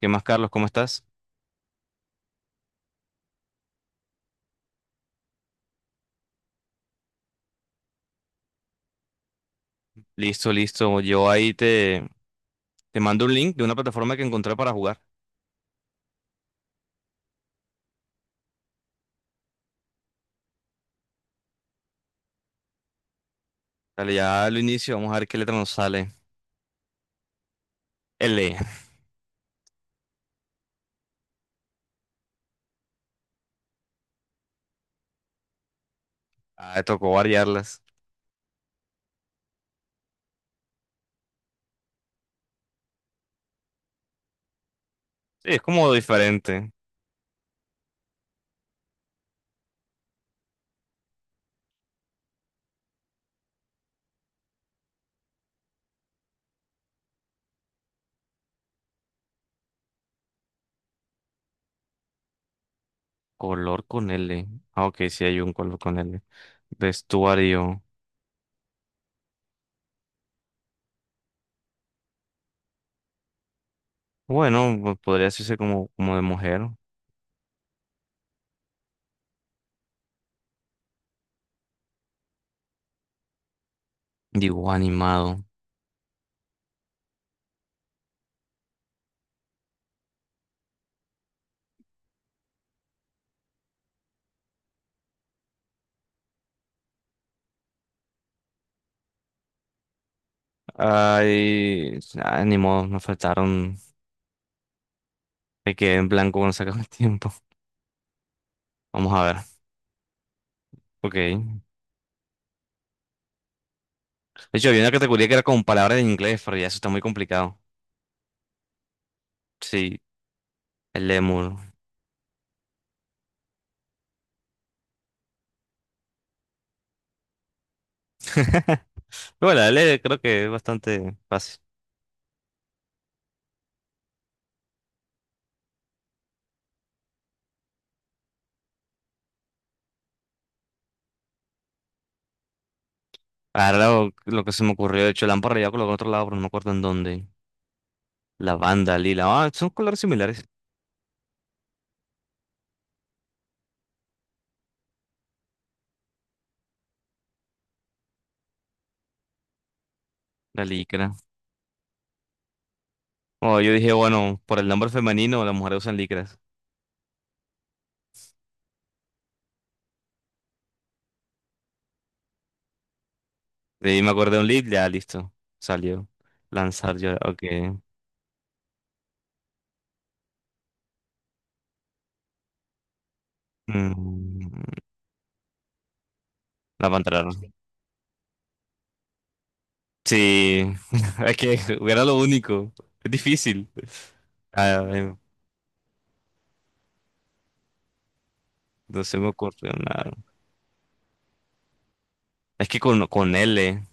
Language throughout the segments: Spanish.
¿Qué más, Carlos? ¿Cómo estás? Listo, listo. Yo ahí te mando un link de una plataforma que encontré para jugar. Dale, ya lo inicio. Vamos a ver qué letra nos sale. L. Ah, tocó variarlas. Sí, es como diferente. Color con L. Ah, ok, sí hay un color con L. Vestuario. Bueno, pues podría decirse como de mujer. Digo, animado. Ay, ah, ni modo, nos faltaron. Me quedé en blanco cuando sacamos el tiempo. Vamos a ver. Ok. De hecho, había una categoría que era con palabras en inglés, pero ya eso está muy complicado. Sí, el lemur. Pero bueno, el E creo que es bastante fácil. Ahora lo que se me ocurrió, de hecho, lámpara ya colocó en otro lado, pero no me acuerdo en dónde. Lavanda, lila. Ah, son colores similares. La licra. Oh, yo dije, bueno, por el nombre femenino, las mujeres usan licras. De ahí me acordé de un lead, ya listo. Salió. Lanzar yo, ok. Mm, levantar. Sí, es que era lo único. Es difícil. Ah, no se me ocurrió nada. Es que con L,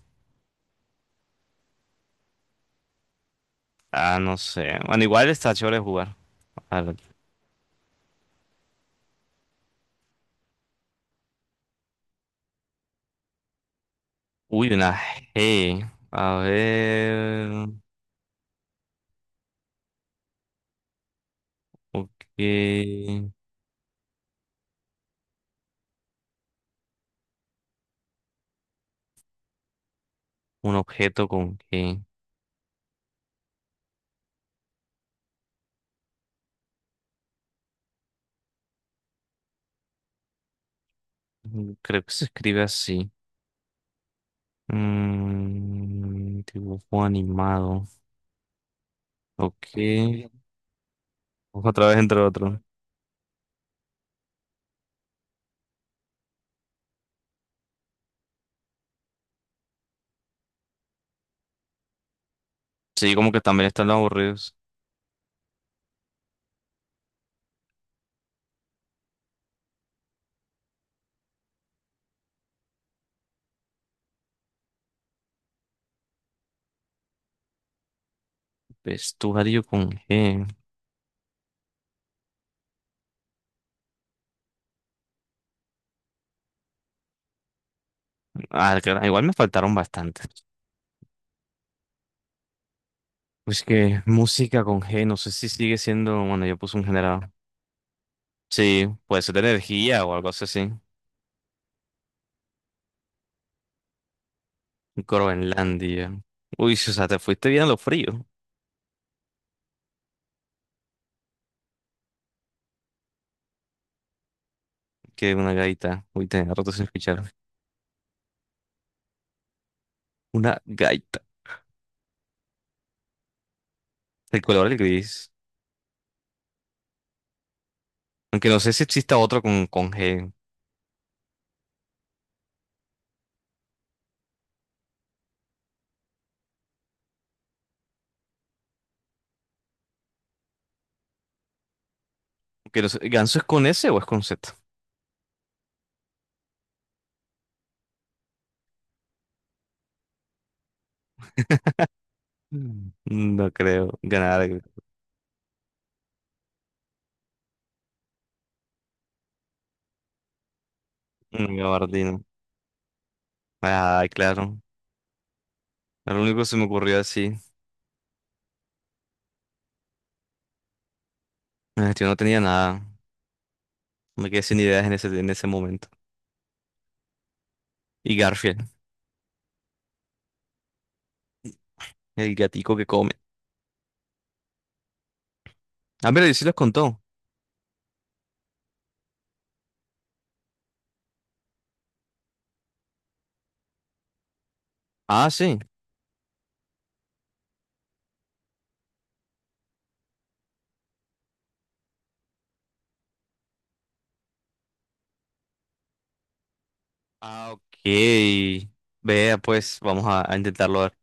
ah, no sé. Bueno, igual está chévere jugar. A ver. Uy, una G. A ver. Ok. Un objeto con G. Creo que se escribe así. Dibujo animado. Ok. Otra vez entre otro. Sí, como que también están los aburridos. Vestuario con G. Ah, claro, igual me faltaron bastantes. Pues que música con G, no sé si sigue siendo, bueno, yo puse un generado. Sí, puede ser de energía o algo así. Groenlandia. Uy, sí, o sea, te fuiste bien a lo frío. Que una gaita. Uy, tenía rato sin escuchar. Una gaita. El color del gris. Aunque no sé si exista otro con G. Que no sé, ¿ganso es con S o es con Z? Mm. No creo. Ganar. Un gabardina. Ah, claro. Era lo único que se me ocurrió así. Yo no tenía nada. Me quedé sin ideas en ese momento. Y Garfield, el gatico que come. Ah, pero sí los contó. Ah, sí. Ah, ok. Vea, pues vamos a intentarlo ver.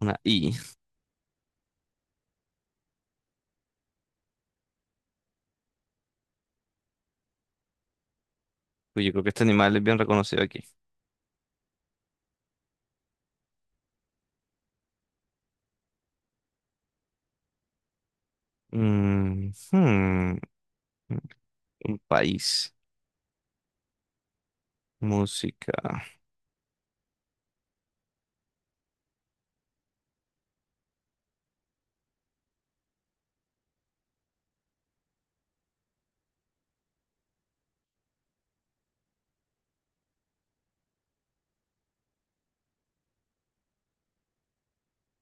Una I. Uy, yo creo que este animal es bien reconocido aquí. Mm, hmm, un país. Música.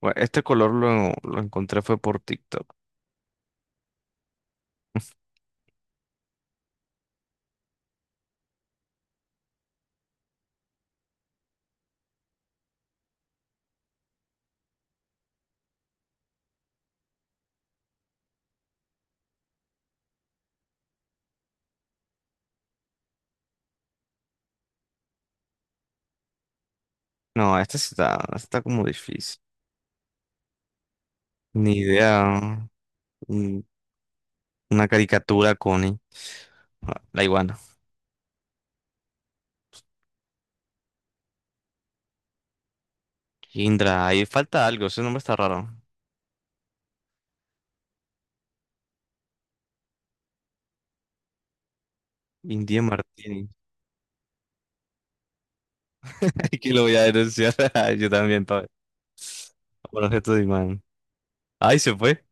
Bueno, este color lo encontré fue por TikTok. No, este está como difícil. Ni idea. Mm, una caricatura, Connie. Ah, la iguana. Indra, ahí falta algo, ese nombre está raro. India Martini. Aquí lo voy a denunciar. Yo también, todo. Por objeto de imán. Ay, se fue.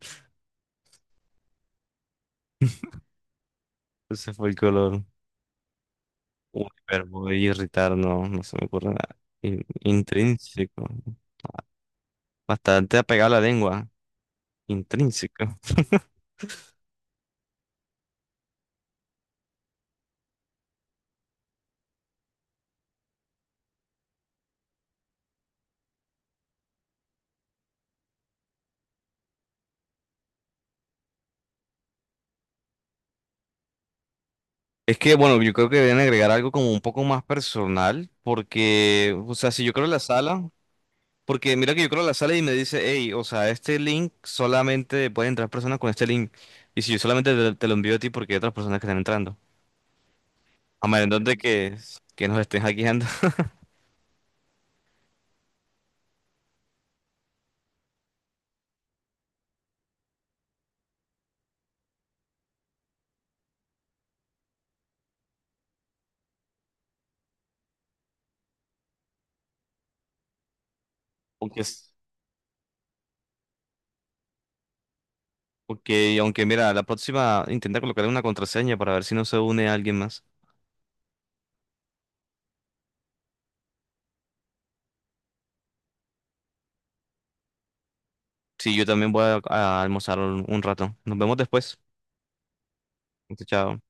Se fue el color. Uy, pero voy a irritar, no, no se me ocurre nada. Intrínseco. Bastante apegado a la lengua. Intrínseco. Es que, bueno, yo creo que deben agregar algo como un poco más personal, porque, o sea, si yo creo la sala. Porque mira que yo creo que la sale y me dice, hey, o sea, este link solamente pueden entrar personas con este link. Y si yo solamente te lo envío a ti porque hay otras personas que están entrando. A menos que nos estén hackeando. Aunque, porque, aunque mira, la próxima intenta colocarle una contraseña para ver si no se une a alguien más. Sí, yo también voy a almorzar un rato. Nos vemos después. Chao.